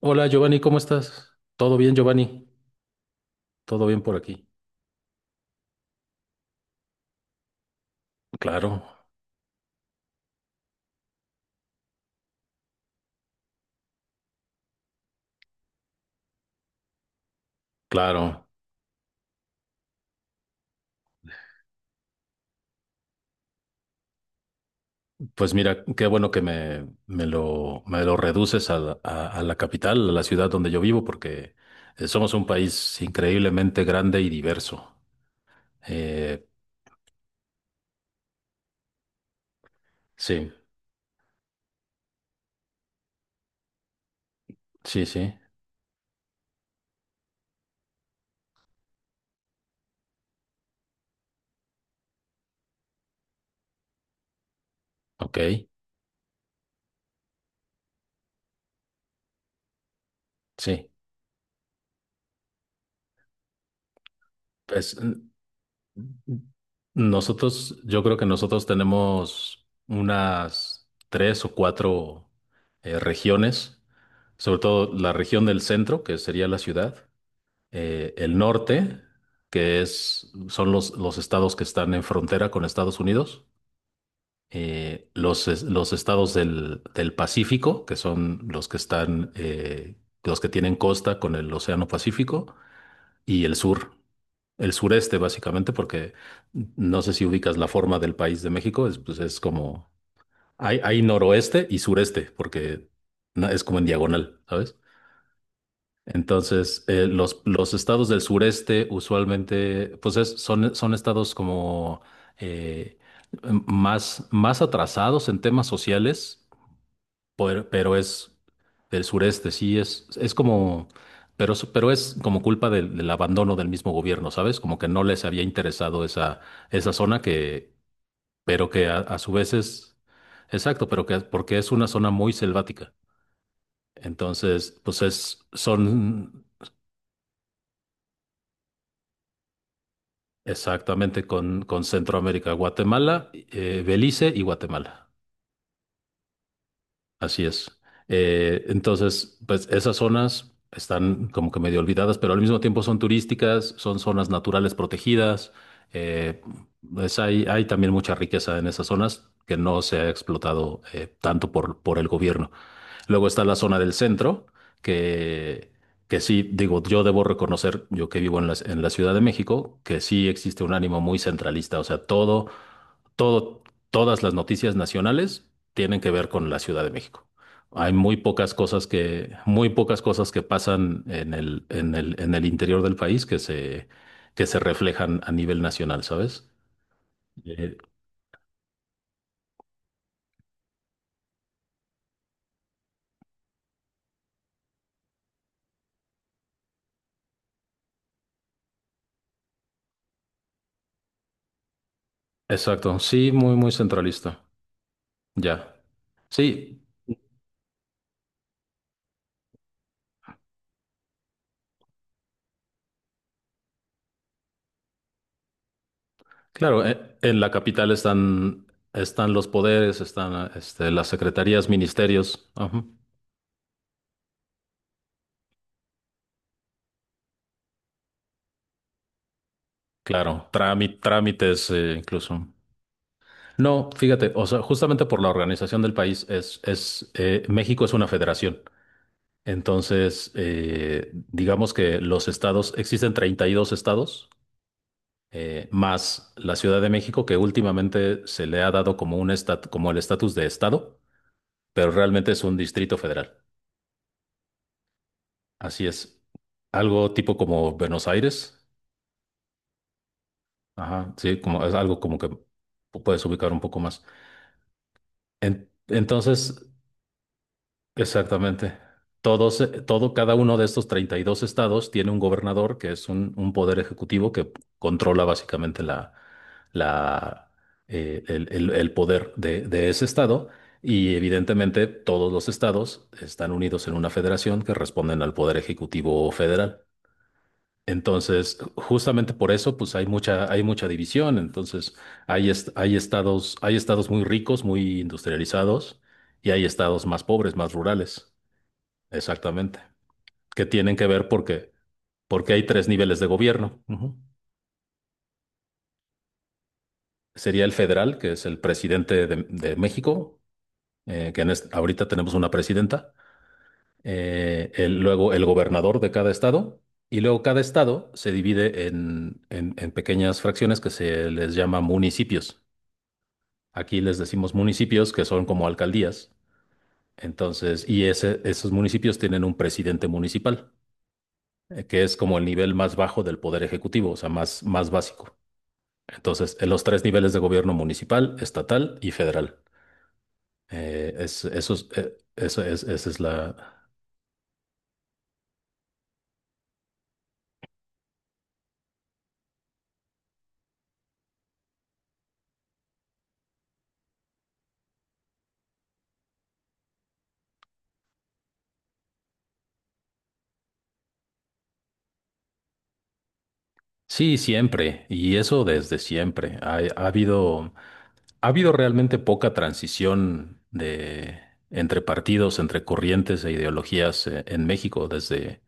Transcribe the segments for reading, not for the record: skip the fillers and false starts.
Hola Giovanni, ¿cómo estás? ¿Todo bien, Giovanni? ¿Todo bien por aquí? Claro, claro. Pues mira, qué bueno que me lo reduces a, a la capital, a la ciudad donde yo vivo, porque somos un país increíblemente grande y diverso. Eh, sí, sí, sí. Ok, sí. Pues nosotros, yo creo que nosotros tenemos unas tres o cuatro regiones, sobre todo la región del centro, que sería la ciudad. El norte, que es, son los estados que están en frontera con Estados Unidos, los estados del Pacífico, que son los que están, los que tienen costa con el Océano Pacífico, y el sur, el sureste básicamente, porque no sé si ubicas la forma del país de México, es, pues es como, hay noroeste y sureste, porque es como en diagonal, ¿sabes? Entonces, los estados del sureste usualmente, pues son estados como eh, más, más atrasados en temas sociales, pero, es del sureste, sí, es como, pero es como culpa del abandono del mismo gobierno, ¿sabes? Como que no les había interesado esa zona que, pero que a su vez es, exacto, pero que porque es una zona muy selvática. Entonces, pues es, son exactamente, con Centroamérica, Guatemala, Belice y Guatemala. Así es. Entonces, pues esas zonas están como que medio olvidadas, pero al mismo tiempo son turísticas, son zonas naturales protegidas. eh, pues hay también mucha riqueza en esas zonas que no se ha explotado tanto por el gobierno. Luego está la zona del centro, que, que sí, digo, yo debo reconocer, yo que vivo en la Ciudad de México, que sí existe un ánimo muy centralista. O sea, todo, todas las noticias nacionales tienen que ver con la Ciudad de México. Hay muy pocas cosas que pasan en el interior del país que se reflejan a nivel nacional, ¿sabes? Eh, exacto, sí, muy, muy centralista. Ya. Sí. Claro, en la capital están, están los poderes, están este, las secretarías, ministerios, ajá. Claro, trámites incluso. No, fíjate, o sea, justamente por la organización del país es, México es una federación. Entonces, digamos que los estados, existen 32 estados, más la Ciudad de México, que últimamente se le ha dado como como el estatus de estado, pero realmente es un distrito federal. Así es. Algo tipo como Buenos Aires. Ajá, sí, como es algo como que puedes ubicar un poco más. Entonces, exactamente. Cada uno de estos 32 estados tiene un gobernador que es un poder ejecutivo que controla básicamente la, el poder de ese estado. Y evidentemente todos los estados están unidos en una federación que responden al poder ejecutivo federal. Entonces, justamente por eso, pues hay mucha división. Entonces, hay estados muy ricos, muy industrializados, y hay estados más pobres, más rurales. Exactamente. Que tienen que ver porque hay tres niveles de gobierno. Ujú. Sería el federal, que es el presidente de México, ahorita tenemos una presidenta. Luego el gobernador de cada estado. Y luego cada estado se divide en, en pequeñas fracciones que se les llama municipios. Aquí les decimos municipios que son como alcaldías. Entonces, esos municipios tienen un presidente municipal, que es como el nivel más bajo del poder ejecutivo, o sea, más, más básico. Entonces, en los tres niveles de gobierno municipal, estatal y federal. Esa es la... Sí, siempre, y eso desde siempre. Ha habido realmente poca transición de, entre partidos, entre corrientes e ideologías, en México desde...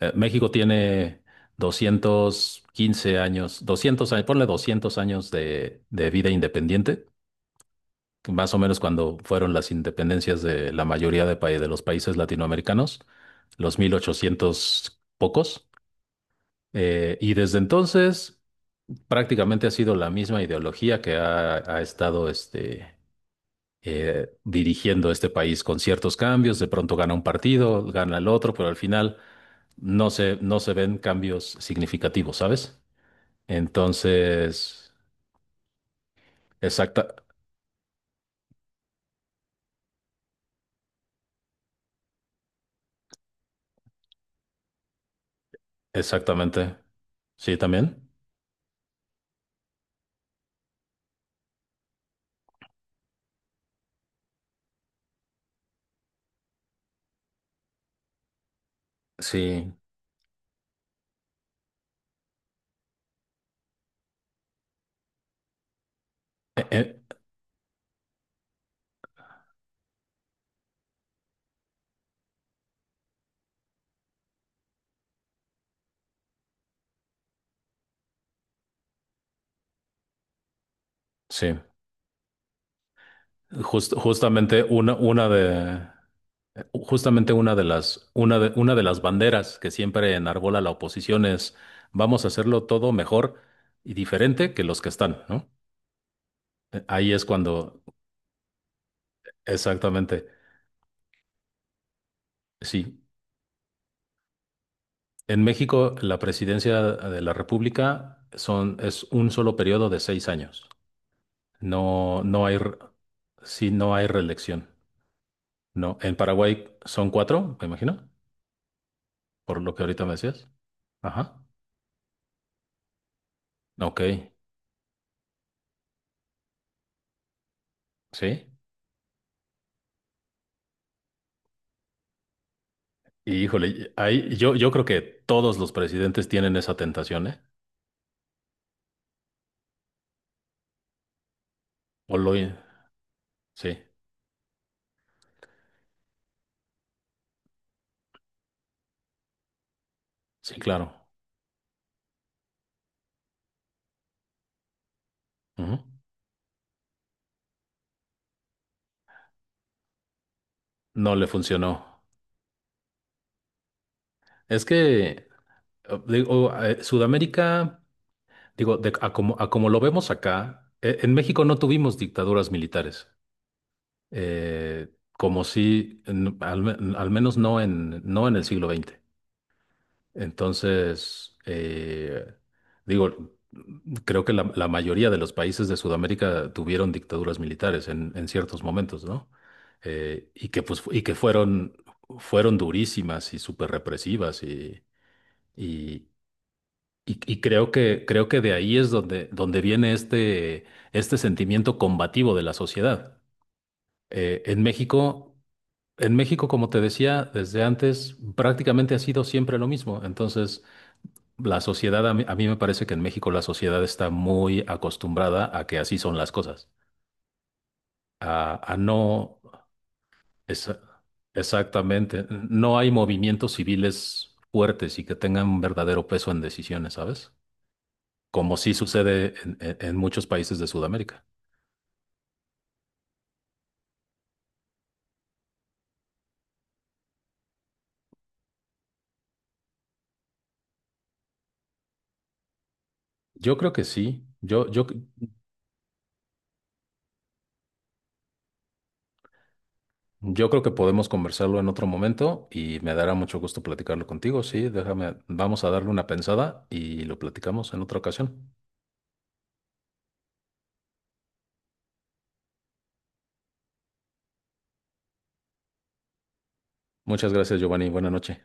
México tiene 215 años, 200 años, ponle 200 años de vida independiente, más o menos cuando fueron las independencias de la mayoría de los países latinoamericanos, los 1800 pocos. Y desde entonces prácticamente ha sido la misma ideología que ha estado este, dirigiendo este país con ciertos cambios. De pronto gana un partido, gana el otro, pero al final no se ven cambios significativos, ¿sabes? Entonces, exacta, exactamente. Sí, también. Sí. Eh, eh, sí. Justamente una de las banderas que siempre enarbola la oposición es vamos a hacerlo todo mejor y diferente que los que están, ¿no? Eh, Ahí es cuando, Exactamente. Sí. En México, la presidencia de la República son, es un solo periodo de 6 años. No, no hay, sí, no hay reelección. No, en Paraguay son cuatro, me imagino, por lo que ahorita me decías. Ajá, ok, sí. Y híjole, ahí, yo creo que todos los presidentes tienen esa tentación, ¿eh? O lo, sí, sí, claro. Ujú. No le funcionó. Es que, digo, Sudamérica, digo, a como lo vemos acá, en México no tuvimos dictaduras militares. Como si, al menos no en el siglo XX. Entonces, digo, creo que la mayoría de los países de Sudamérica tuvieron dictaduras militares en ciertos momentos, ¿no? Y que, pues, y que fueron durísimas y súper represivas y, y creo que de ahí es donde viene este sentimiento combativo de la sociedad. Eh, en México, en México, como te decía, desde antes prácticamente ha sido siempre lo mismo. Entonces, la sociedad, a mí me parece que en México la sociedad está muy acostumbrada a que así son las cosas, a no, esa- exactamente, no hay movimientos civiles fuertes y que tengan un verdadero peso en decisiones, ¿sabes? Como sí sucede en en muchos países de Sudamérica. Yo creo que sí. Yo creo que podemos conversarlo en otro momento y me dará mucho gusto platicarlo contigo. Sí, déjame, vamos a darle una pensada y lo platicamos en otra ocasión. Muchas gracias, Giovanni. Buena noche.